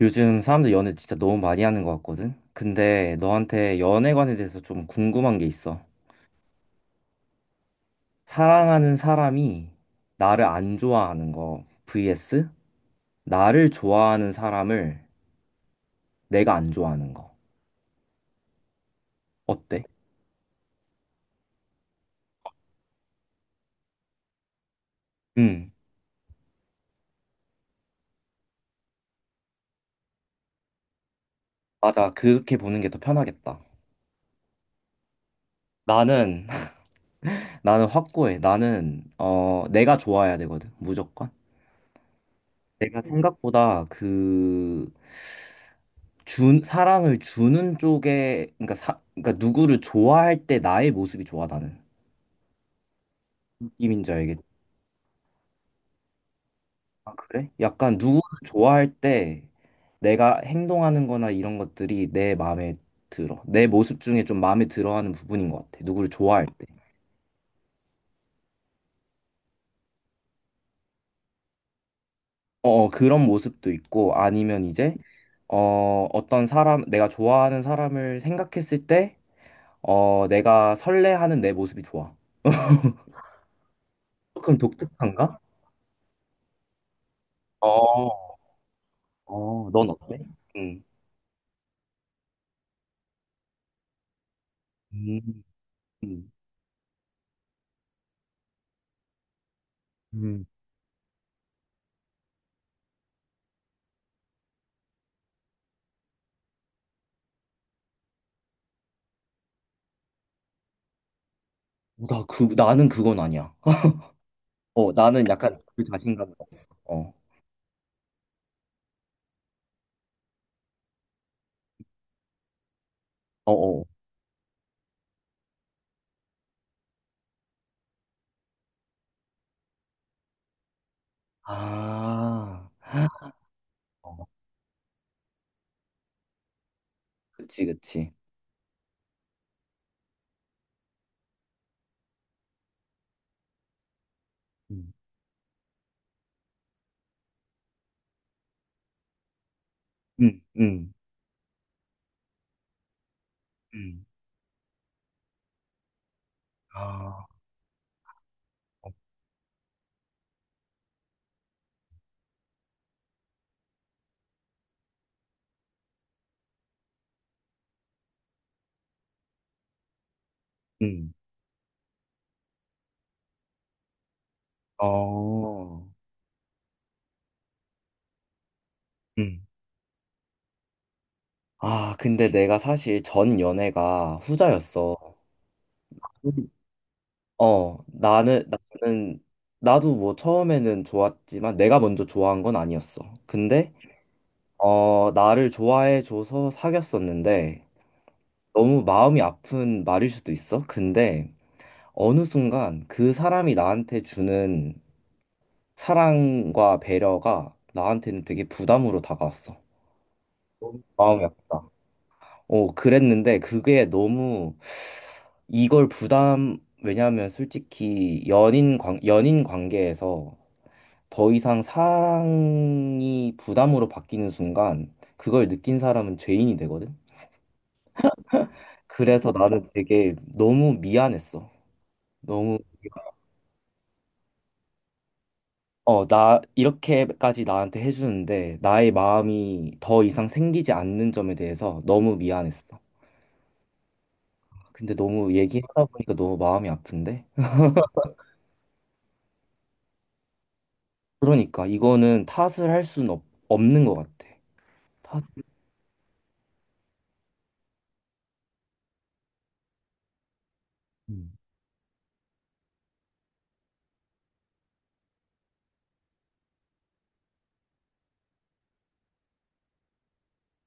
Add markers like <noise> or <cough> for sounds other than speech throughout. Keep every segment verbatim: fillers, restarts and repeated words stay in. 요즘 사람들 연애 진짜 너무 많이 하는 것 같거든? 근데 너한테 연애관에 대해서 좀 궁금한 게 있어. 사랑하는 사람이 나를 안 좋아하는 거 vs 나를 좋아하는 사람을 내가 안 좋아하는 거. 어때? 응. 맞아. 그렇게 보는 게 더 편하겠다. 나는, <laughs> 나는 확고해. 나는, 어, 내가 좋아해야 되거든. 무조건. 내가 생각보다 그, 준 사랑을 주는 쪽에 그러니까 사 그러니까 누구를 좋아할 때 나의 모습이 좋아 나는 느낌인지 알겠지? 아, 그래? 약간 누구를 좋아할 때 내가 행동하는 거나 이런 것들이 내 마음에 들어 내 모습 중에 좀 마음에 들어 하는 부분인 것 같아 누구를 좋아할 때 어, 어, 그런 모습도 있고 아니면 이제 어, 어떤 사람 내가 좋아하는 사람을 생각했을 때 어, 내가 설레하는 내 모습이 좋아 조금 독특한가? 어, 어, 넌 어때? 응. 음, 음. 음. 나 그, 나는 그건 아니야. 어, 나는 약간 그 자신감이 없어. 어, 어, 어. 아, 어, 그치, 그치. 음. 음, 음, 음. 아, 음, 어, 음. 아, 근데 내가 사실 전 연애가 후자였어. 음. 어, 나는, 나는, 나도 뭐 처음에는 좋았지만 내가 먼저 좋아한 건 아니었어. 근데, 어, 나를 좋아해줘서 사귀었었는데, 너무 마음이 아픈 말일 수도 있어. 근데 어느 순간 그 사람이 나한테 주는 사랑과 배려가 나한테는 되게 부담으로 다가왔어. 너무 마음이 아프다. 어, 그랬는데 그게 너무 이걸 부담, 왜냐하면 솔직히 연인 관, 연인 관계에서 더 이상 사랑이 부담으로 바뀌는 순간 그걸 느낀 사람은 죄인이 되거든. 그래서 나는 되게 너무 미안했어. 너무 어, 나, 이렇게까지 나한테 해주는데, 나의 마음이 더 이상 생기지 않는 점에 대해서 너무 미안했어. 근데 너무 얘기하다 보니까 너무 마음이 아픈데? 그러니까, 이거는 탓을 할 수는 없, 없는 것 같아. 탓. 음,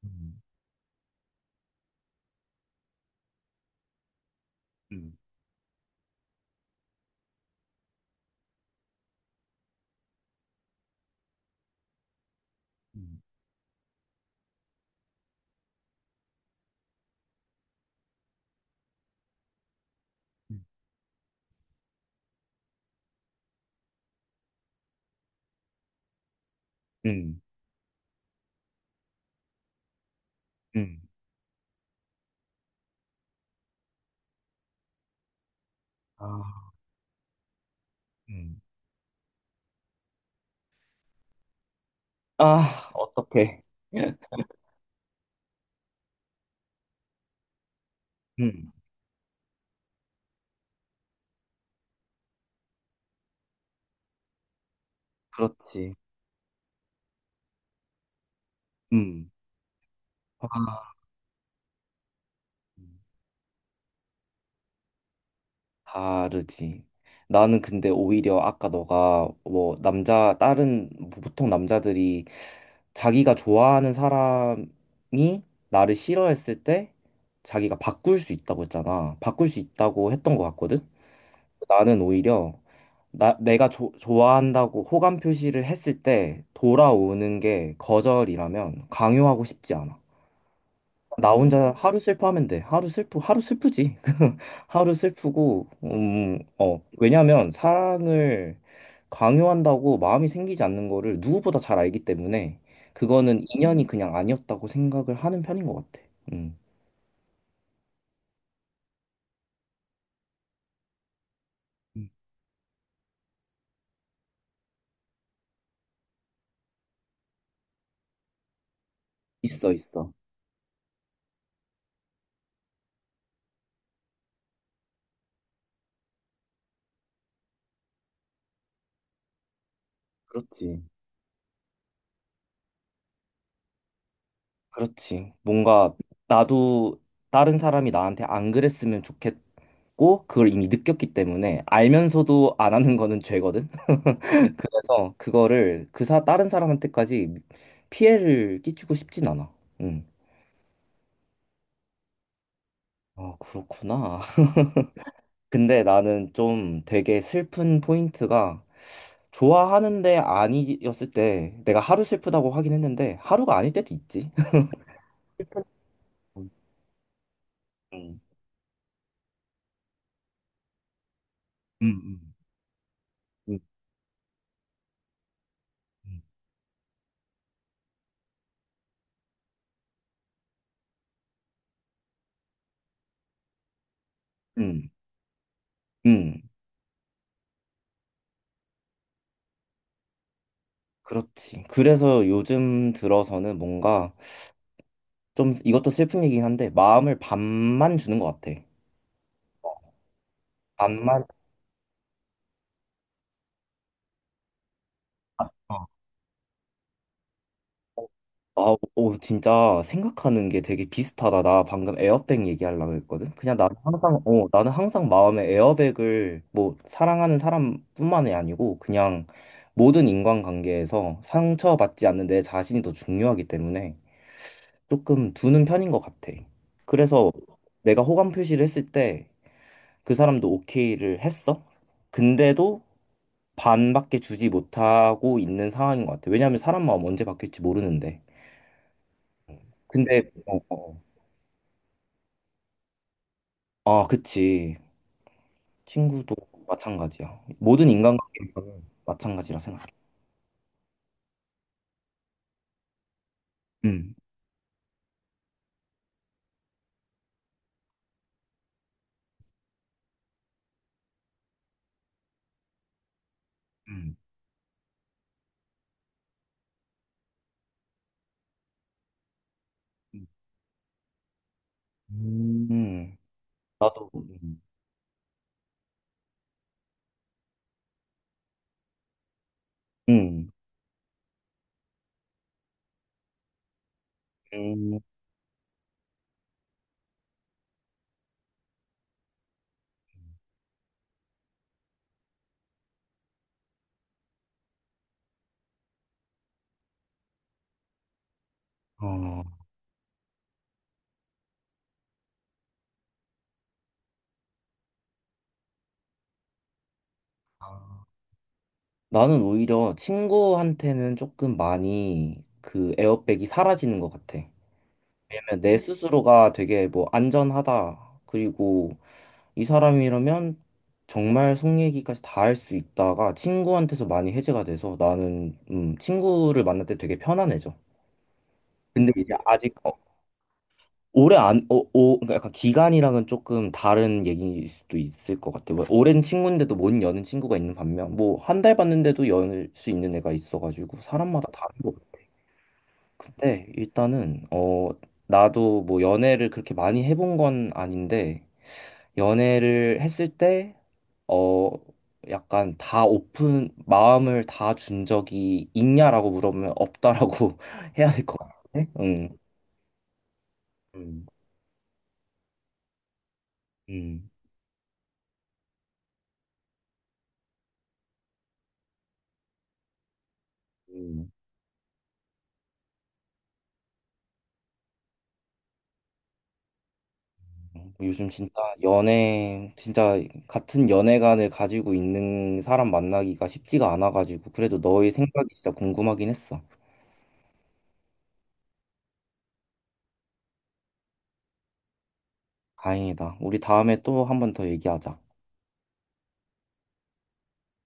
음, 음, 음, 음, 음, 음. 아, 음, 아, 어떡해. 음, 그렇지. 음, 아. 음. 다르지. 나는 근데 오히려 아까 너가 뭐 남자 다른 뭐 보통 남자들이 자기가 좋아하는 사람이 나를 싫어했을 때 자기가 바꿀 수 있다고 했잖아. 바꿀 수 있다고 했던 것 같거든. 나는 오히려 나 내가 조- 좋아한다고 호감 표시를 했을 때 돌아오는 게 거절이라면 강요하고 싶지 않아. 나 혼자 하루 슬퍼하면 돼. 하루 슬프, 하루 슬프지. <laughs> 하루 슬프고, 음, 어, 왜냐면 사랑을 강요한다고 마음이 생기지 않는 거를 누구보다 잘 알기 때문에 그거는 인연이 그냥 아니었다고 생각을 하는 편인 것 같아. 음, 음, 있어, 있어. 그렇지. 그렇지. 뭔가 나도 다른 사람이 나한테 안 그랬으면 좋겠고, 그걸 이미 느꼈기 때문에 알면서도 안 하는 거는 죄거든. 그래서 그거를 그 사, 다른 사람한테까지 피해를 끼치고 싶진 않아. 응. 아, 그렇구나. <laughs> 근데 나는 좀 되게 슬픈 포인트가 좋아하는데 아니었을 때 내가 하루 슬프다고 하긴 했는데 하루가 아닐 때도 있지. <laughs> 음, 음, 음, 음, 음, 음. 그렇지. 그래서 요즘 들어서는 뭔가 좀 이것도 슬픈 얘기긴 한데 마음을 반만 주는 것 같아. 반만. 어. 아, 오, 진짜 생각하는 게 되게 비슷하다. 나 방금 에어백 얘기하려고 했거든. 그냥 나는 항상, 어, 나는 항상 마음에 에어백을 뭐 사랑하는 사람뿐만이 아니고 그냥 모든 인간관계에서 상처받지 않는 내 자신이 더 중요하기 때문에 조금 두는 편인 것 같아. 그래서 내가 호감 표시를 했을 때 그 사람도 오케이를 했어. 근데도 반밖에 주지 못하고 있는 상황인 것 같아. 왜냐하면 사람 마음 언제 바뀔지 모르는데. 근데 어, 어, 어. 아, 그치. 친구도 마찬가지야. 모든 인간관계에서는 마찬가지라 생각해. 응. 응. 응. 음. 나도, 응. 응. 음. 어. 나는 오히려 친구한테는 조금 많이 그 에어백이 사라지는 것 같아. 왜냐면 내 스스로가 되게 뭐 안전하다. 그리고 이 사람이라면 정말 속 얘기까지 다 할 수 있다가 친구한테서 많이 해제가 돼서 나는 음, 친구를 만날 때 되게 편안해져. 근데 이제 아직 어, 오래 안, 오 오, 그러니까 약간 기간이랑은 조금 다른 얘기일 수도 있을 것 같아요. 뭐 오랜 친구인데도 못 여는 친구가 있는 반면, 뭐 한 달 봤는데도 열 수 있는 애가 있어가지고 사람마다 다른 것 같아요. 근데 일단은 어 나도 뭐 연애를 그렇게 많이 해본 건 아닌데 연애를 했을 때 어 약간 다 오픈 마음을 다 준 적이 있냐라고 물어보면 없다라고 <laughs> 해야 될 것 같은데. 응. 음. 음. 요즘 진짜 연애, 진짜 같은 연애관을 가지고 있는 사람 만나기가 쉽지가 않아가지고, 그래도 너의 생각이 진짜 궁금하긴 했어. 다행이다. 우리 다음에 또 한 번 더 얘기하자.